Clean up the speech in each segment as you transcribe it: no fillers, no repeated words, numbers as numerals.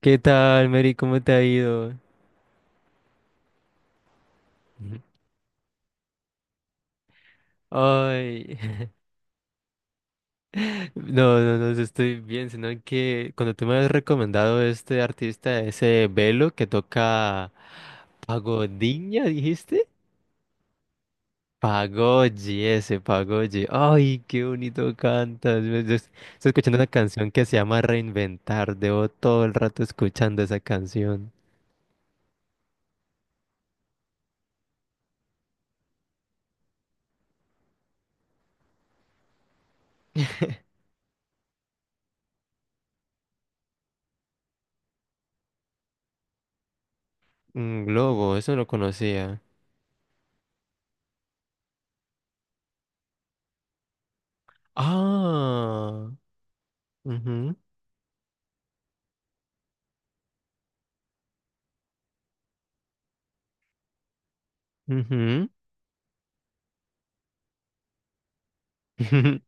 ¿Qué tal, Mary? ¿Cómo te ha ido? Ujú. Ay, no, no, no, yo estoy bien, sino que cuando tú me has recomendado este artista, ese Velo que toca Pagodiña, ¿dijiste? Pagodi, ese Pagodi. Ay, qué bonito cantas. Yo estoy escuchando una canción que se llama Reinventar. Debo todo el rato escuchando esa canción. Mm, Globo, eso no conocía. Ah, mhm, mhm.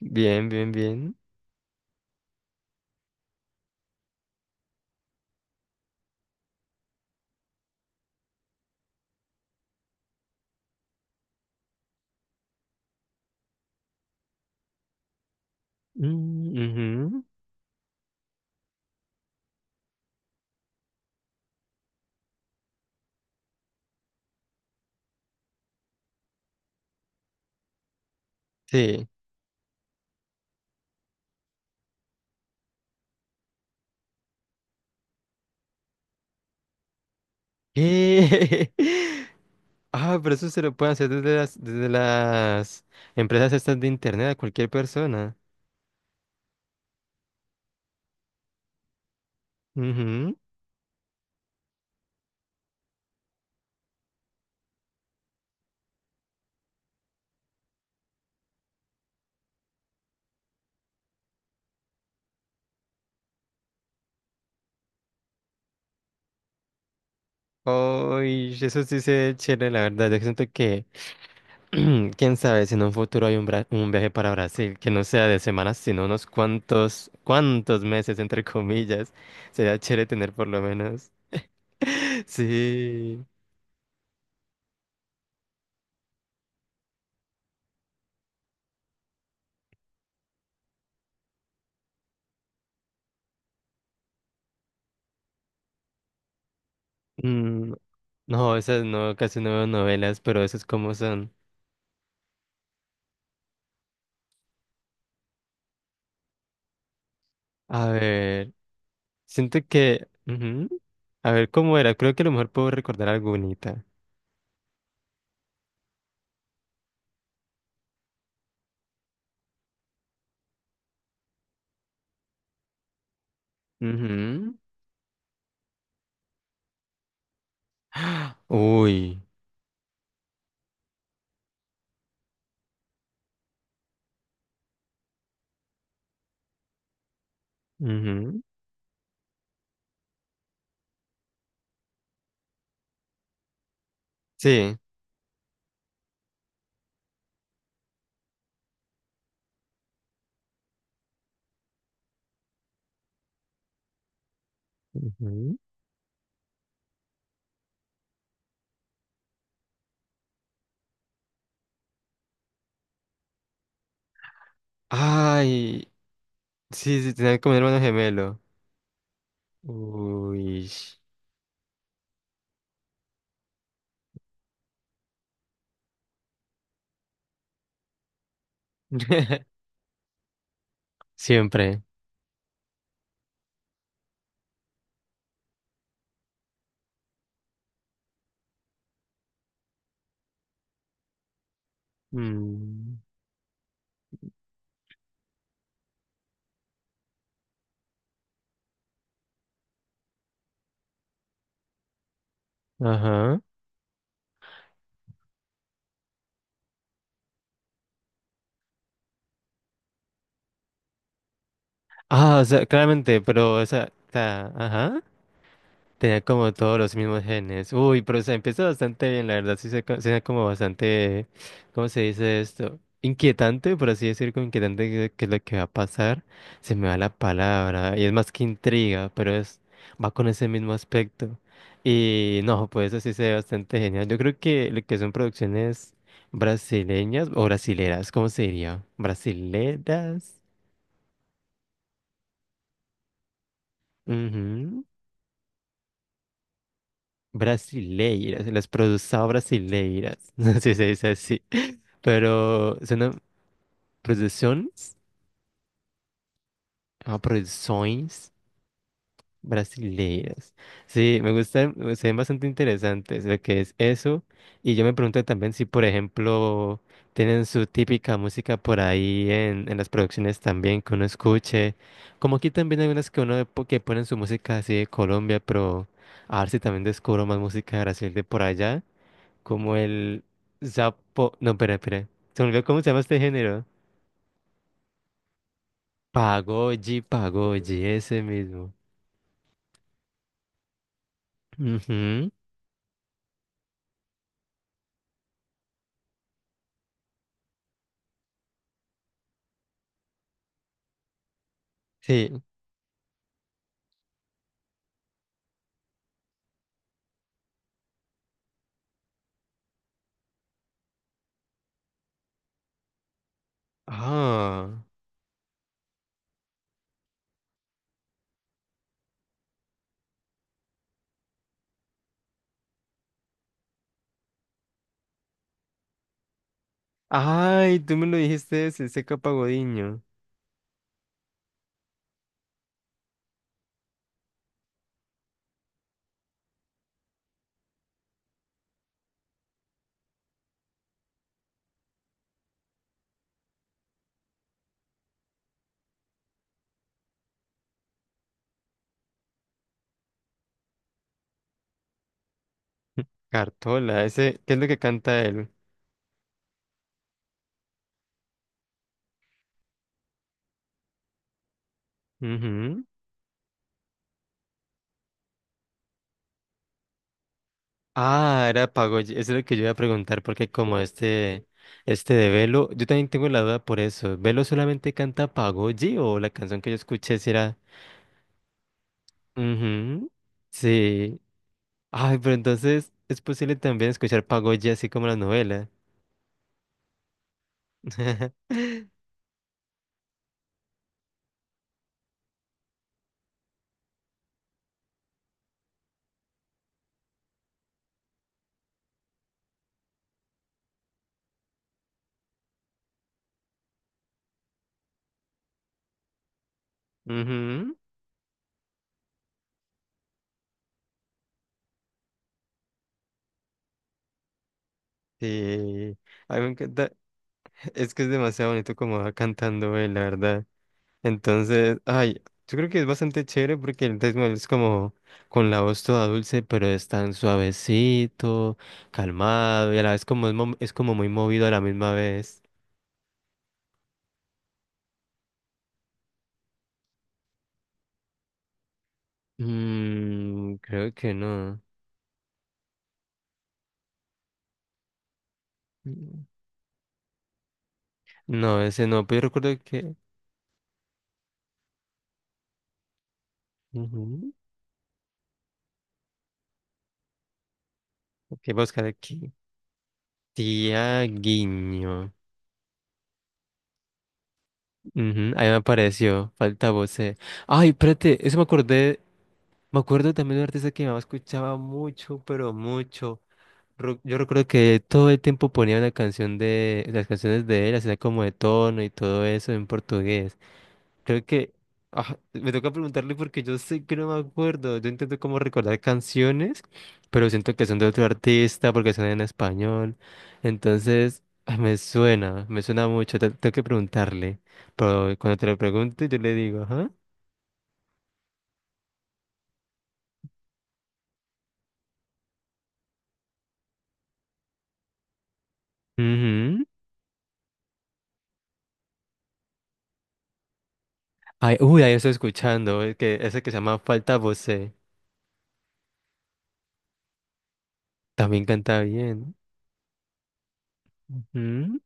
Bien, bien, bien. Mm, ujú, sí. ¿Qué? Ah, pero eso se lo pueden hacer desde las empresas estas de internet a cualquier persona. Ujú. Ay, eso sí se ve chévere, la verdad. Yo siento que, quién sabe, si en un futuro hay un viaje para Brasil, que no sea de semanas, sino unos cuantos meses, entre comillas. Sería chévere tener por lo menos. Sí. Mm, no, esas no, casi no veo novelas, pero esas cómo son. A ver, siento que... ujú. A ver, ¿cómo era? Creo que a lo mejor puedo recordar alguna. Uy. Ujú, sí. Ujú. Ay, sí, sí, tenía como un hermano gemelo. Uy. Siempre. Mm, ajá. Ah, o sea, claramente, pero, o sea, ajá. Tenía como todos los mismos genes. Uy, pero se empezó bastante bien, la verdad. Sí, se era como bastante, ¿cómo se dice esto? Inquietante, por así decir, como inquietante que lo que va a pasar. Se me va la palabra. Y es más que intriga, pero es, va con ese mismo aspecto. Y no, pues eso sí se ve bastante genial. Yo creo que lo que son producciones brasileñas o brasileras, ¿cómo se diría? Brasileras. Ujú. Brasileiras, las produzao brasileiras, no si se dice así. Pero son producciones, ah, produções brasileiras. Sí, me gustan, se ven bastante interesantes lo que es eso. Y yo me pregunto también si, por ejemplo, tienen su típica música por ahí en las producciones también que uno escuche. Como aquí también hay unas que que ponen su música así de Colombia, pero a ver si también descubro más música de Brasil de por allá, como el Zapo, no, espera, espera. Se me olvidó cómo se llama este género. Pagoji, Pagoji, ese mismo. Ujú, sí. Ah. Ay, tú me lo dijiste ese, Seca Pagodiño. Cartola, ese, ¿qué es lo que canta él? Ujú. Ah, era Pagoji, eso es lo que yo iba a preguntar, porque como este de Velo, yo también tengo la duda por eso. ¿Velo solamente canta Pagoji o la canción que yo escuché si era... Ujú, sí. Ay, pero entonces es posible también escuchar Pagoji así como la novela. Ujú, sí, a mí me encanta, es que es demasiado bonito como va cantando él, la verdad. Entonces, ay, yo creo que es bastante chévere porque el ritmo de él es como con la voz toda dulce, pero es tan suavecito, calmado y a la vez como es, es como muy movido a la misma vez. Mm, creo que no. Mm, no, ese no, pero yo recuerdo que... ujú. Ok, voy a buscar aquí. Tiaguinho. Ujú, ahí me apareció, falta voce. Ay, espérate, eso me acordé, me acuerdo también de un artista que mi mamá escuchaba mucho, pero mucho. Yo recuerdo que todo el tiempo ponía una canción las canciones de él, hacía como de tono y todo eso en portugués. Creo que me toca preguntarle porque yo sé que no me acuerdo. Yo intento como recordar canciones, pero siento que son de otro artista porque son en español. Entonces, me suena mucho. Tengo que preguntarle. Pero cuando te lo pregunte, yo le digo, ajá. Ujú. Ay, uy, ahí estoy escuchando. Que ese que se llama Falta Voce. También canta bien. Ujú,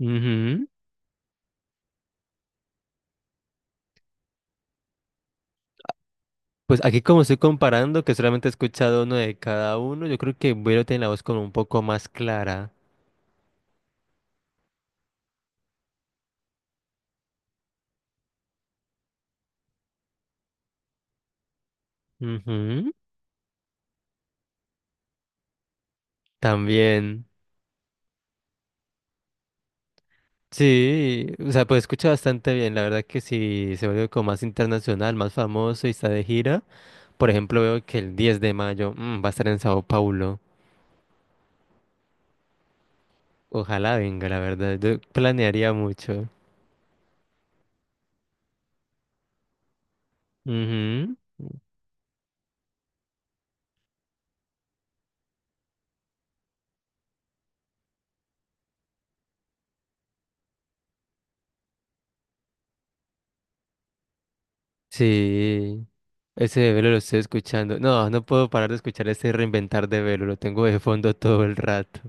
ujú. Pues aquí como estoy comparando, que solamente he escuchado uno de cada uno, yo creo que Vero tiene la voz como un poco más clara. Ujú, también. Sí, o sea, pues escucha bastante bien. La verdad que sí se vuelve como más internacional, más famoso y está de gira. Por ejemplo, veo que el 10 de mayo va a estar en Sao Paulo. Ojalá venga, la verdad. Yo planearía mucho. Ujú, sí. Ese de Velo lo estoy escuchando. No, no puedo parar de escuchar ese Reinventar de Velo. Lo tengo de fondo todo el rato.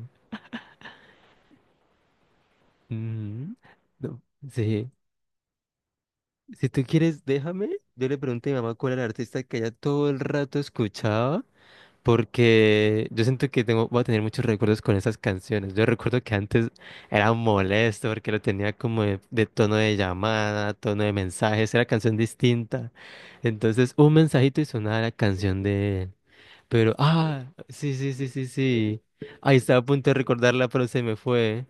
Ujú, no, sí. Si tú quieres, déjame. Yo le pregunté a mi mamá cuál era el artista que ella todo el rato escuchaba, porque yo siento que tengo, voy a tener muchos recuerdos con esas canciones. Yo recuerdo que antes era molesto porque lo tenía como de tono de llamada, tono de mensajes, era canción distinta. Entonces, un mensajito y sonaba la canción de él. Pero, ah, sí, sí, sí, sí, sí. Ahí estaba a punto de recordarla, pero se me fue.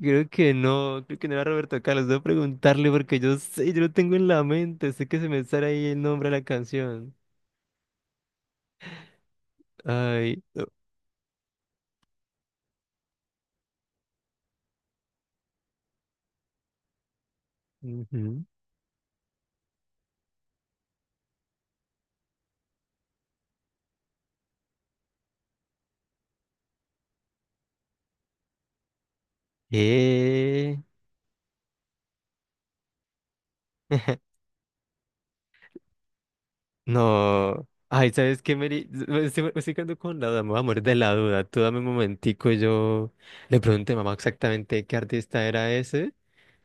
Creo que no era Roberto Carlos. Debo preguntarle porque yo sé, yo lo tengo en la mente. Sé que se me sale ahí el nombre de la canción. Ay. Ujú. Eh. No. Ay, ¿sabes qué, Mary? Me estoy quedando con la duda. Me voy a morir de la duda. Tú dame un momentico, y yo le pregunté a mamá exactamente qué artista era ese.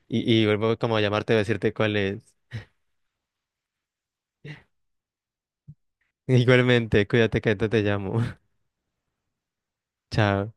Y vuelvo como a llamarte a decirte cuál es. Igualmente, cuídate que ahorita te llamo. Chao.